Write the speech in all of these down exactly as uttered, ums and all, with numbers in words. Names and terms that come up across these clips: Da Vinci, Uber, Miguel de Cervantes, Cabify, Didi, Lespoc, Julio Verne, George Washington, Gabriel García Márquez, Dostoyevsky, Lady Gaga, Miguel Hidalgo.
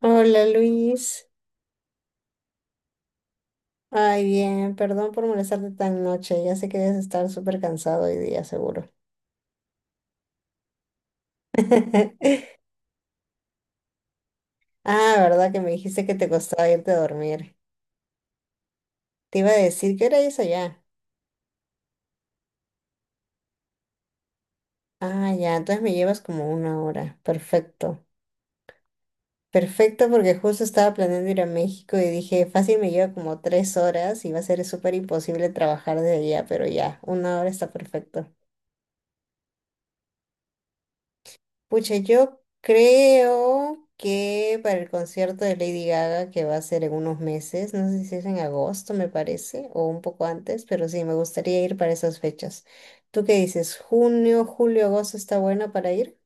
Hola Luis, ay bien, perdón por molestarte tan noche, ya sé que debes estar súper cansado hoy día, seguro. Ah, verdad que me dijiste que te costaba irte a dormir. Te iba a decir, ¿qué hora es allá? Ah, ya, entonces me llevas como una hora, perfecto. Perfecto porque justo estaba planeando ir a México y dije, fácil me lleva como tres horas y va a ser súper imposible trabajar desde allá, pero ya, una hora está perfecto. Pucha, yo creo que para el concierto de Lady Gaga, que va a ser en unos meses, no sé si es en agosto, me parece, o un poco antes, pero sí, me gustaría ir para esas fechas. ¿Tú qué dices? ¿Junio, julio, agosto está bueno para ir?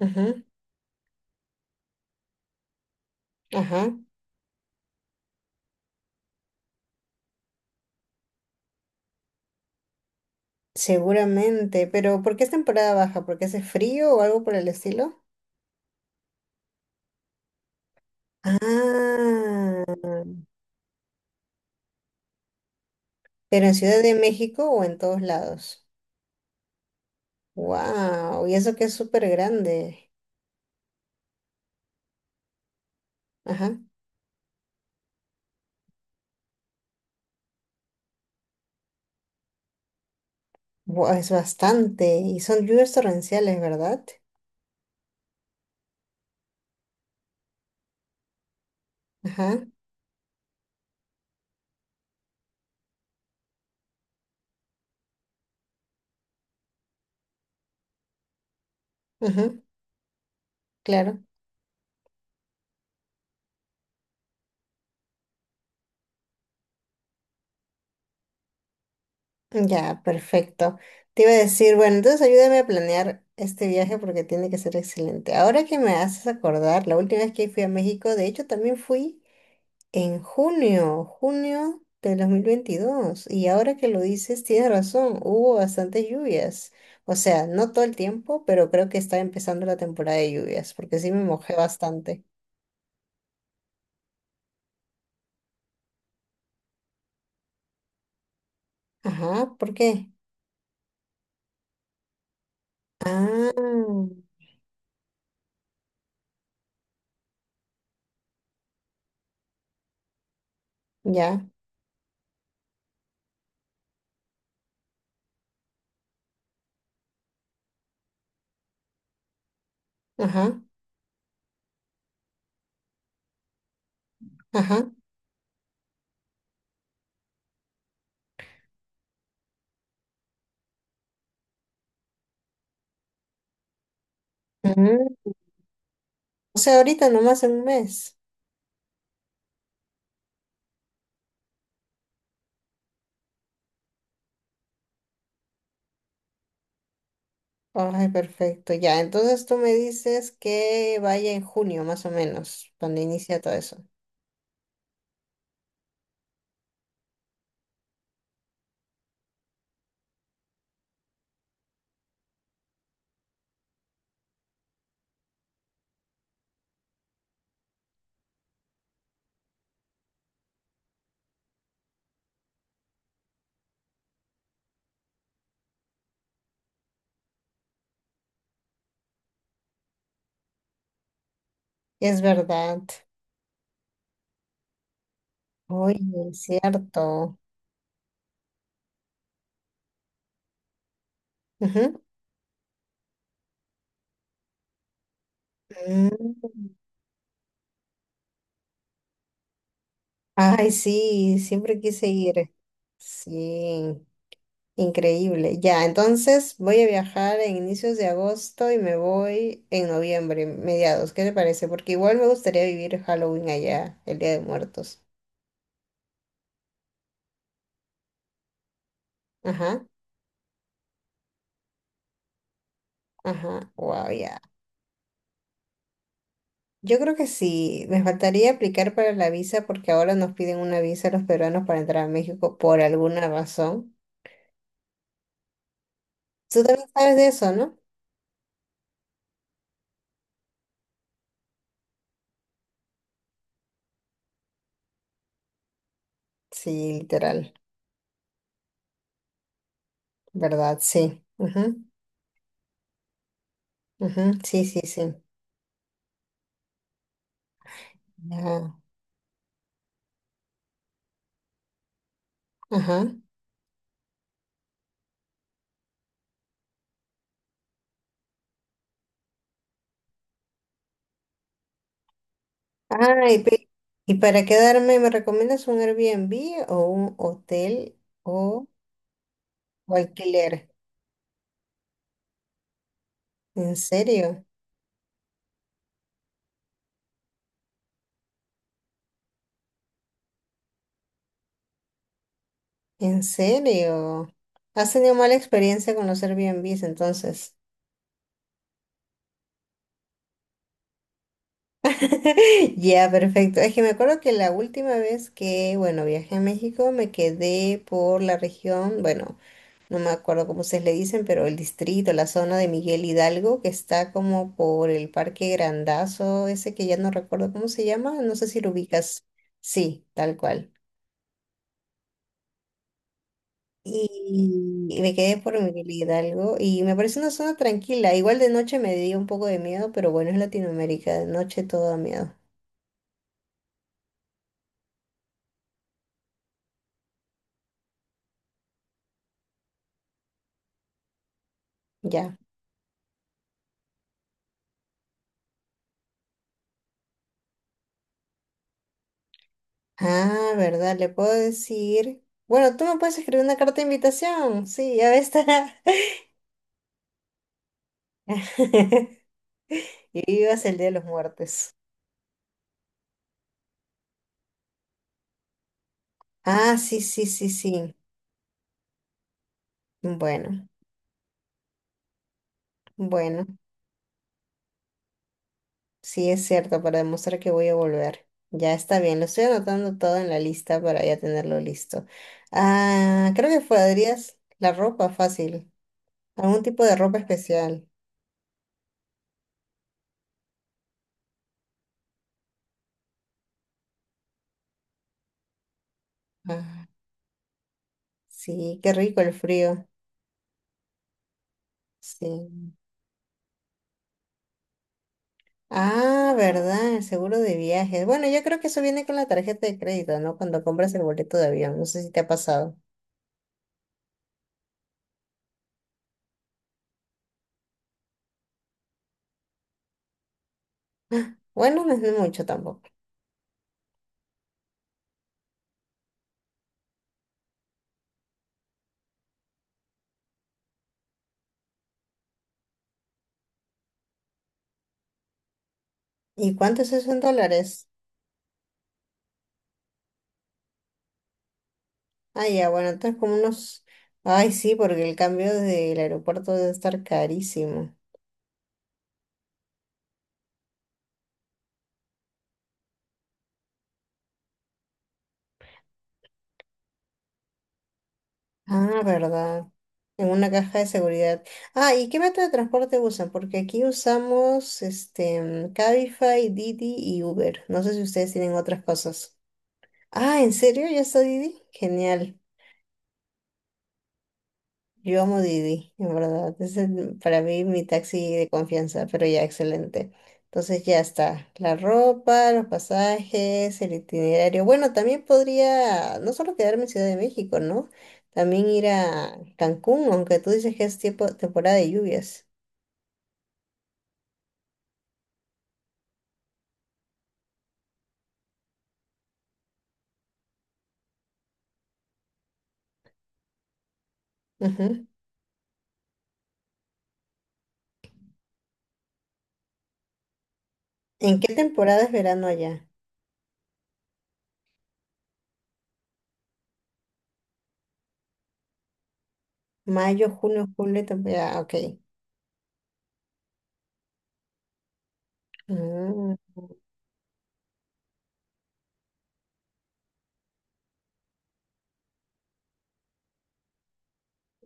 Ujú. Ajá. Seguramente, pero ¿por qué es temporada baja? ¿Porque hace frío o algo por el estilo? Ah, pero en Ciudad de México o en todos lados. Wow, y eso que es súper grande. Ajá. Bu- Es bastante, y son lluvias torrenciales, ¿verdad? Ajá, ajá, claro. Ya, perfecto. Te iba a decir, bueno, entonces ayúdame a planear este viaje porque tiene que ser excelente. Ahora que me haces acordar, la última vez que fui a México, de hecho también fui en junio, junio del dos mil veintidós y ahora que lo dices, tienes razón, hubo bastantes lluvias. O sea, no todo el tiempo, pero creo que está empezando la temporada de lluvias, porque sí me mojé bastante. Ajá, ¿por qué? Ah, ya, ajá, ajá. Mm. O sea, ahorita nomás en un mes. Ay, perfecto, ya. Entonces tú me dices que vaya en junio, más o menos, cuando inicia todo eso. Es verdad. Oye, es cierto. Ujú. Mm. Ay, sí, siempre quise ir. Sí. Increíble. Ya, entonces voy a viajar en inicios de agosto y me voy en noviembre, mediados. ¿Qué te parece? Porque igual me gustaría vivir Halloween allá, el Día de Muertos. Ajá, ajá, wow, ya. Yo creo que sí, me faltaría aplicar para la visa porque ahora nos piden una visa a los peruanos para entrar a México por alguna razón. Tú también sabes de eso, ¿no? Sí, literal, ¿verdad? Sí. Ajá, ajá, sí, sí, sí. Ya. Ajá. Ay, pe- y para quedarme, ¿me recomiendas un Airbnb o un hotel o, o alquiler? ¿En serio? ¿En serio? ¿Has tenido mala experiencia con los Airbnbs entonces? Ya, perfecto. Es que me acuerdo que la última vez que, bueno, viajé a México, me quedé por la región, bueno, no me acuerdo cómo ustedes le dicen, pero el distrito, la zona de Miguel Hidalgo, que está como por el Parque Grandazo, ese que ya no recuerdo cómo se llama, no sé si lo ubicas. Sí, tal cual. Y y me quedé por Miguel Hidalgo y me parece una zona tranquila. Igual de noche me dio un poco de miedo, pero bueno, es Latinoamérica, de noche todo da miedo. Ya. Ah, ¿verdad? Le puedo decir. Bueno, tú me puedes escribir una carta de invitación. Sí, ya ves. Y vivas el Día de los Muertos. Ah, sí, sí, sí, sí. Bueno, bueno, sí es cierto, para demostrar que voy a volver. Ya está bien, lo estoy anotando todo en la lista para ya tenerlo listo. Ah, creo que podrías la ropa fácil, algún tipo de ropa especial. Ah, sí, qué rico el frío. Sí. Ah, verdad, el seguro de viajes. Bueno, yo creo que eso viene con la tarjeta de crédito, ¿no? Cuando compras el boleto de avión, no sé si te ha pasado. Bueno, no es mucho tampoco. ¿Y cuánto es eso en dólares? Ah, ya, bueno, entonces como unos... Ay, sí, porque el cambio del aeropuerto debe estar carísimo. Ah, verdad. En una caja de seguridad. Ah, ¿y qué método de transporte usan? Porque aquí usamos este mm, Cabify, Didi y Uber. No sé si ustedes tienen otras cosas. Ah, ¿en serio? ¿Ya está Didi? Genial. Yo amo Didi, en verdad. Es el- para mí mi taxi de confianza, pero ya excelente. Entonces ya está. La ropa, los pasajes, el itinerario. Bueno, también podría no solo quedarme en Ciudad de México, ¿no? También ir a Cancún, aunque tú dices que es tiempo, temporada de lluvias. Ujú. ¿En qué temporada es verano allá? Mayo, junio, julio, temporada. Ok. Mm.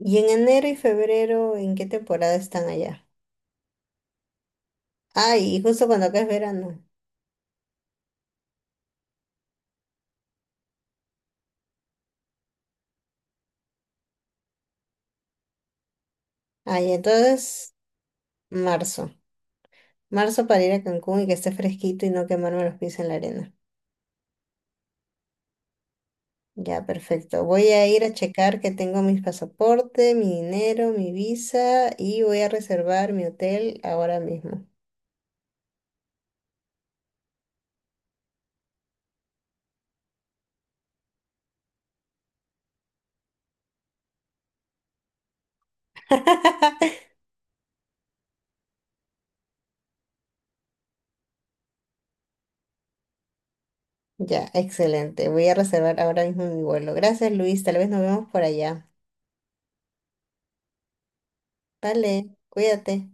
¿Y en enero y febrero, en qué temporada están allá? Ay, y justo cuando acá es verano. Ay, entonces Marzo. Marzo para ir a Cancún y que esté fresquito y no quemarme los pies en la arena. Ya, perfecto. Voy a ir a checar que tengo mis pasaporte, mi dinero, mi visa y voy a reservar mi hotel ahora mismo. Ya, excelente. Voy a reservar ahora mismo mi vuelo. Gracias, Luis. Tal vez nos vemos por allá. Vale, cuídate.